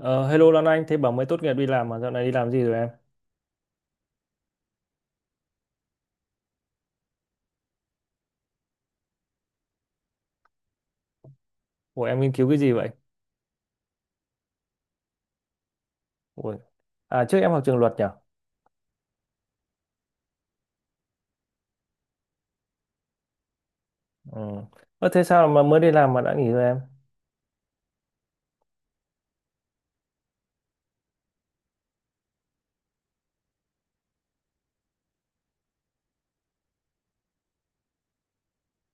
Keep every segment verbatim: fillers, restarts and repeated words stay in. Ờ, Hello Lan Anh, thế bảo mới tốt nghiệp đi làm mà dạo này đi làm gì rồi em? Ủa em nghiên cứu cái gì vậy? Ủa. À trước em học trường luật nhỉ? Ừ. Ơ, thế sao mà mới đi làm mà đã nghỉ rồi em?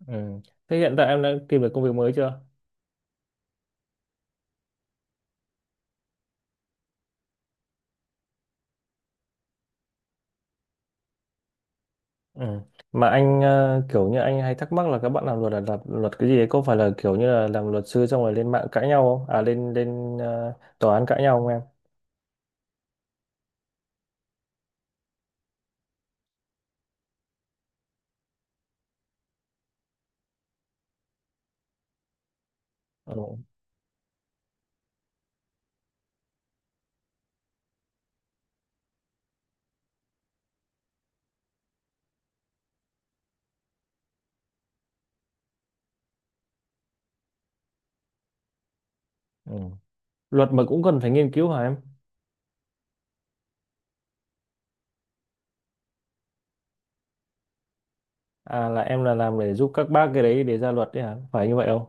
Ừ. Thế hiện tại em đã tìm được công việc mới chưa? Ừ. Mà anh ờ, kiểu như anh hay thắc mắc là các bạn làm luật là làm luật cái gì ấy? Có phải là kiểu như là làm luật sư xong rồi lên mạng cãi nhau không? À lên lên ờ, tòa án cãi nhau không em? Ừ. Ừ. Luật mà cũng cần phải nghiên cứu hả em? À là em là làm để giúp các bác cái đấy để ra luật đấy hả? Phải như vậy không?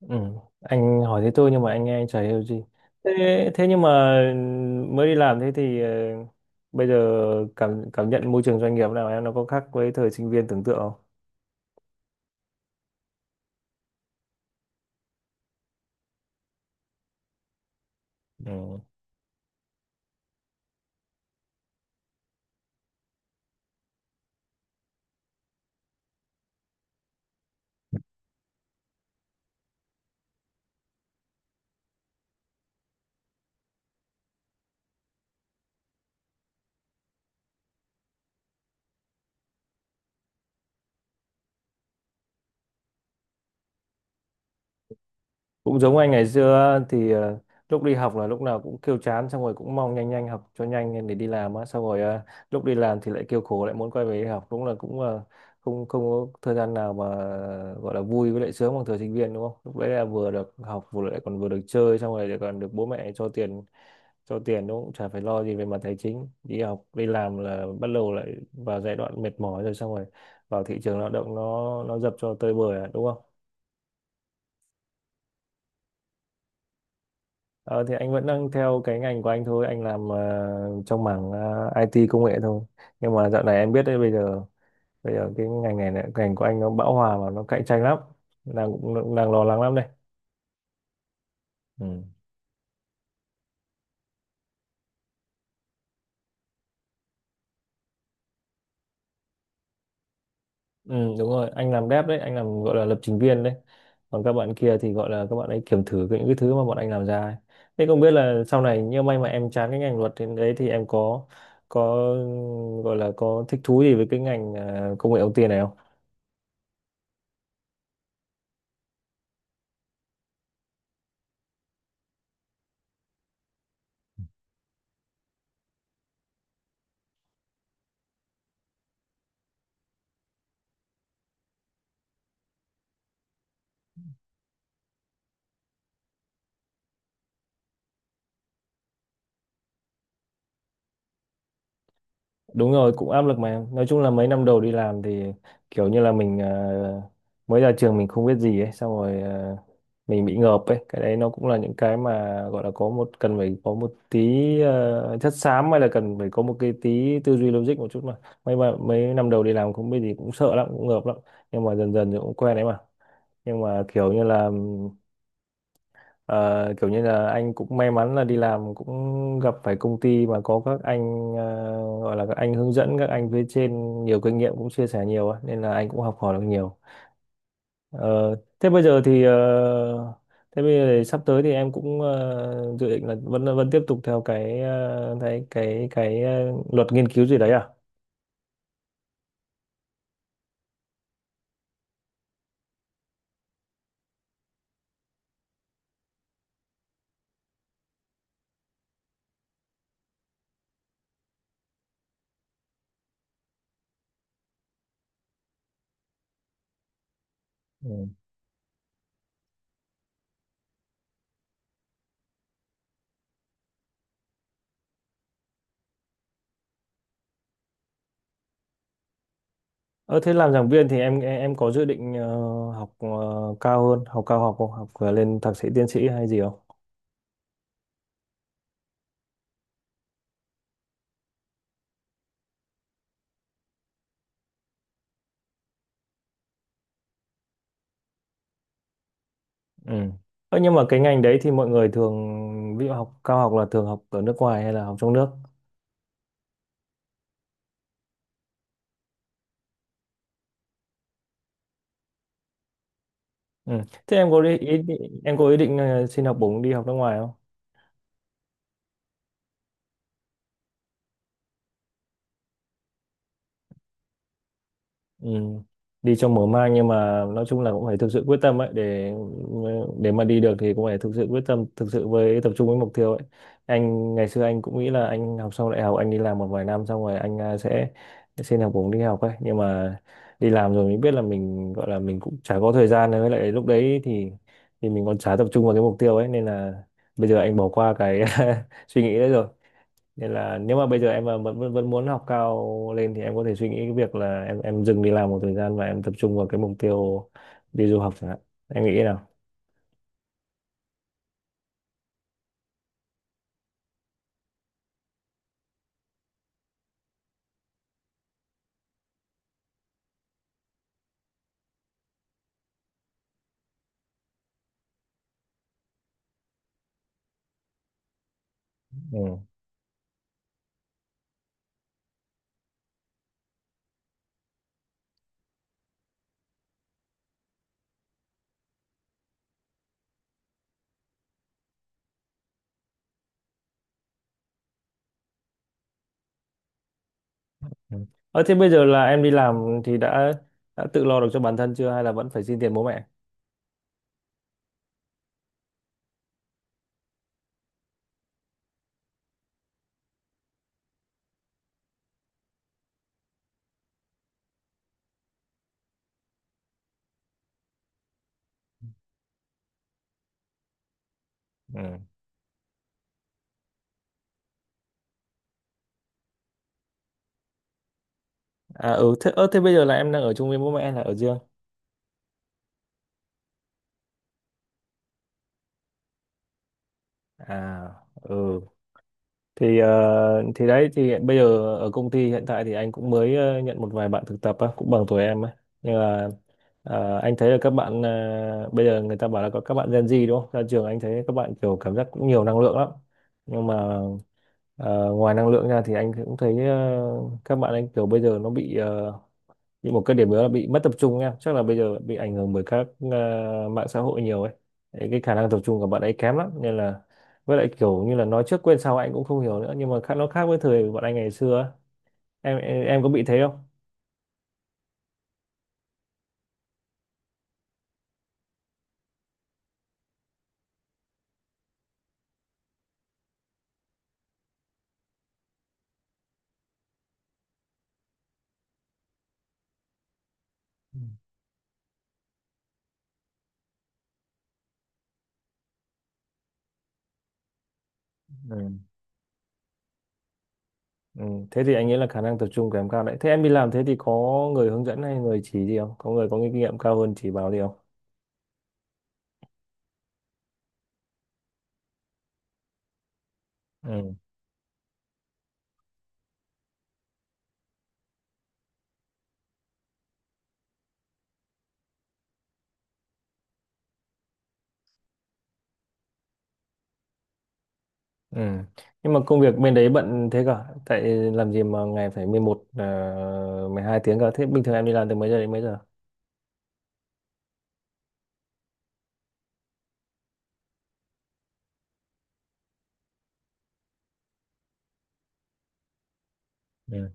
Ừ. Anh hỏi thế tôi nhưng mà anh nghe anh chả hiểu gì. Thế, thế nhưng mà mới đi làm thế thì ờ, bây giờ cảm cảm nhận môi trường doanh nghiệp nào em nó có khác với thời sinh viên tưởng tượng không? Ừ. Cũng giống anh ngày xưa thì ờ, lúc đi học là lúc nào cũng kêu chán xong rồi cũng mong nhanh nhanh học cho nhanh để đi làm á, xong rồi ờ, lúc đi làm thì lại kêu khổ, lại muốn quay về đi học, đúng là cũng ờ, không không có thời gian nào mà gọi là vui với lại sướng bằng thời sinh viên đúng không, lúc đấy là vừa được học vừa lại còn vừa được chơi xong rồi lại còn được bố mẹ cho tiền cho tiền nó cũng chả phải lo gì về mặt tài chính. Đi học đi làm là bắt đầu lại vào giai đoạn mệt mỏi rồi, xong rồi vào thị trường lao động nó nó dập cho tơi bời à, đúng không? Ờ, thì anh vẫn đang theo cái ngành của anh thôi, anh làm ờ, trong mảng ờ, ai ti công nghệ thôi, nhưng mà dạo này em biết đấy, bây giờ bây giờ cái ngành này này, ngành của anh nó bão hòa và nó cạnh tranh lắm, đang cũng đang lo lắng lắm đây. Ừ. Ừ, đúng rồi, anh làm dev đấy, anh làm gọi là lập trình viên đấy. Còn các bạn kia thì gọi là các bạn ấy kiểm thử cái- những cái thứ mà bọn anh làm ra ấy. Thế không biết là sau này nếu may mà em chán cái ngành luật thì đấy thì em có có gọi là có thích thú gì với cái ngành à, công nghệ thông tin này? Đúng rồi, cũng áp lực mà. Nói chung là mấy năm đầu đi làm thì kiểu như là mình ờ, mới ra trường mình không biết gì ấy, xong rồi ờ, mình bị ngợp ấy. Cái đấy nó cũng là những cái mà gọi là có một cần phải có một tí ờ, chất xám, hay là cần phải có một cái tí tư duy logic một chút mà. Mấy mà mấy năm đầu đi làm không biết gì cũng sợ lắm, cũng ngợp lắm. Nhưng mà dần dần thì cũng quen đấy mà. Nhưng mà kiểu như là Ờ, kiểu như là anh cũng may mắn là đi làm cũng gặp phải công ty mà có các anh ờ, gọi là các anh hướng dẫn, các anh phía trên nhiều kinh nghiệm cũng chia sẻ nhiều á, nên là anh cũng học hỏi được nhiều. Ờ, thế bây giờ thì ờ, thế bây giờ thì sắp tới thì em cũng ờ, dự định là vẫn vẫn tiếp tục theo cái ờ, cái cái cái ờ, luật nghiên cứu gì đấy à? Ừ. Ờ, thế làm giảng viên thì em em em có dự định ờ, học ờ, cao hơn, học cao học không? Học ờ, lên thạc sĩ tiến sĩ hay gì không? Ừ. Ơ, nhưng mà cái ngành đấy thì mọi người thường ví dụ học cao học là thường học ở nước ngoài hay là học trong nước? Ừ. Thế em có đi, ý, định- em có ý định ờ, xin học bổng đi học nước ngoài. Ừ. Đi trong mở mang nhưng mà nói chung là cũng phải thực sự quyết tâm ấy, để để mà đi được thì cũng phải thực sự quyết tâm, thực sự với tập trung với mục tiêu ấy. Anh ngày xưa anh cũng nghĩ là anh học xong đại học anh đi làm một vài năm xong rồi anh à, sẽ xin học bổng đi học ấy, nhưng mà đi làm rồi mình biết là mình gọi là mình cũng chả có thời gian nữa. Với lại lúc đấy thì thì mình còn chả tập trung vào cái mục tiêu ấy, nên là bây giờ anh bỏ qua cái suy nghĩ đấy rồi, nên là nếu mà bây giờ em mà vẫn vẫn vẫn muốn học cao lên thì em có thể suy nghĩ cái việc là em em dừng đi làm một thời gian và em tập trung vào cái mục tiêu đi du học chẳng hạn. Em nghĩ thế nào? Ừ. Ừ. Ờ, thế bây giờ là em đi làm thì đã đã tự lo được cho bản thân chưa hay là vẫn phải xin tiền bố mẹ? Ừ. À ừ thế, ờ, thế bây giờ là em đang ở chung với bố mẹ hay là ở riêng? À ừ thì ờ, thì đấy thì hiện bây giờ ở công ty hiện tại thì anh cũng mới ờ, nhận một vài bạn thực tập á, cũng bằng tuổi em á, nhưng mà ờ, anh thấy là các bạn ờ, bây giờ người ta bảo là có các bạn Gen Z đúng không, ra trường anh thấy các bạn kiểu cảm giác cũng nhiều năng lượng lắm, nhưng mà ờ, ngoài năng lượng ra thì anh cũng thấy ờ, các bạn anh kiểu bây giờ nó bị ờ, nhưng một cái điểm nữa là bị mất tập trung, em chắc là bây giờ bị ảnh hưởng bởi các ờ, mạng xã hội nhiều ấy. Đấy, cái khả năng tập trung của bạn ấy kém lắm, nên là với lại kiểu như là nói trước quên sau anh cũng không hiểu nữa, nhưng mà khác nó khác với thời bọn anh ngày xưa á. em em, em có bị thế không? Ừ. Ừ. Thế thì anh nghĩ là khả năng tập trung kém cao đấy. Thế em đi làm thế thì có người hướng dẫn hay người chỉ gì không, có người có kinh nghiệm cao hơn chỉ bảo gì không? Ừ. Ừ. Nhưng mà công việc bên đấy bận thế cả. Tại làm gì mà ngày phải mười một mười hai tiếng cả. Thế bình thường em đi làm từ mấy giờ đến mấy giờ? Ừ,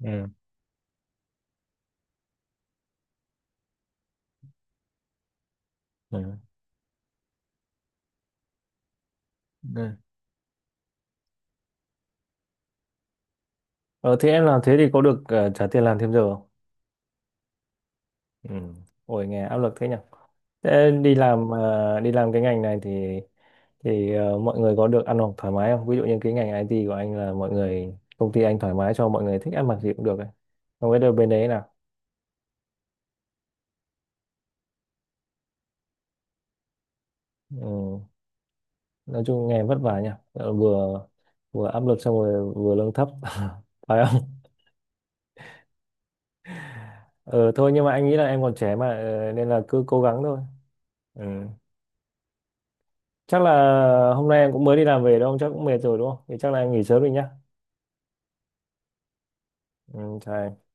ừ, ừ, ừ. Ờ, thế em làm thế thì có được ờ, trả tiền làm thêm giờ không? Ừ. Ôi nghe áp lực thế nhỉ. Thế đi làm ờ, đi làm cái ngành này thì thì ờ, mọi người có được ăn học thoải mái không? Ví dụ như cái ngành i tê của anh là mọi người công ty anh thoải mái cho mọi người thích ăn mặc gì cũng được ấy. Không biết đâu bên đấy nào. Ừ. Nói chung nghe vất vả nhỉ. Ờ, Vừa vừa áp lực xong rồi vừa lương thấp. Phải không? Ờ thôi nhưng mà anh nghĩ là em còn trẻ mà ờ, nên là cứ cố gắng thôi. Ừ. Chắc là hôm nay em cũng mới đi làm về đâu, chắc cũng mệt rồi đúng không, thì chắc là em nghỉ sớm đi nhá. Ừ, chào em.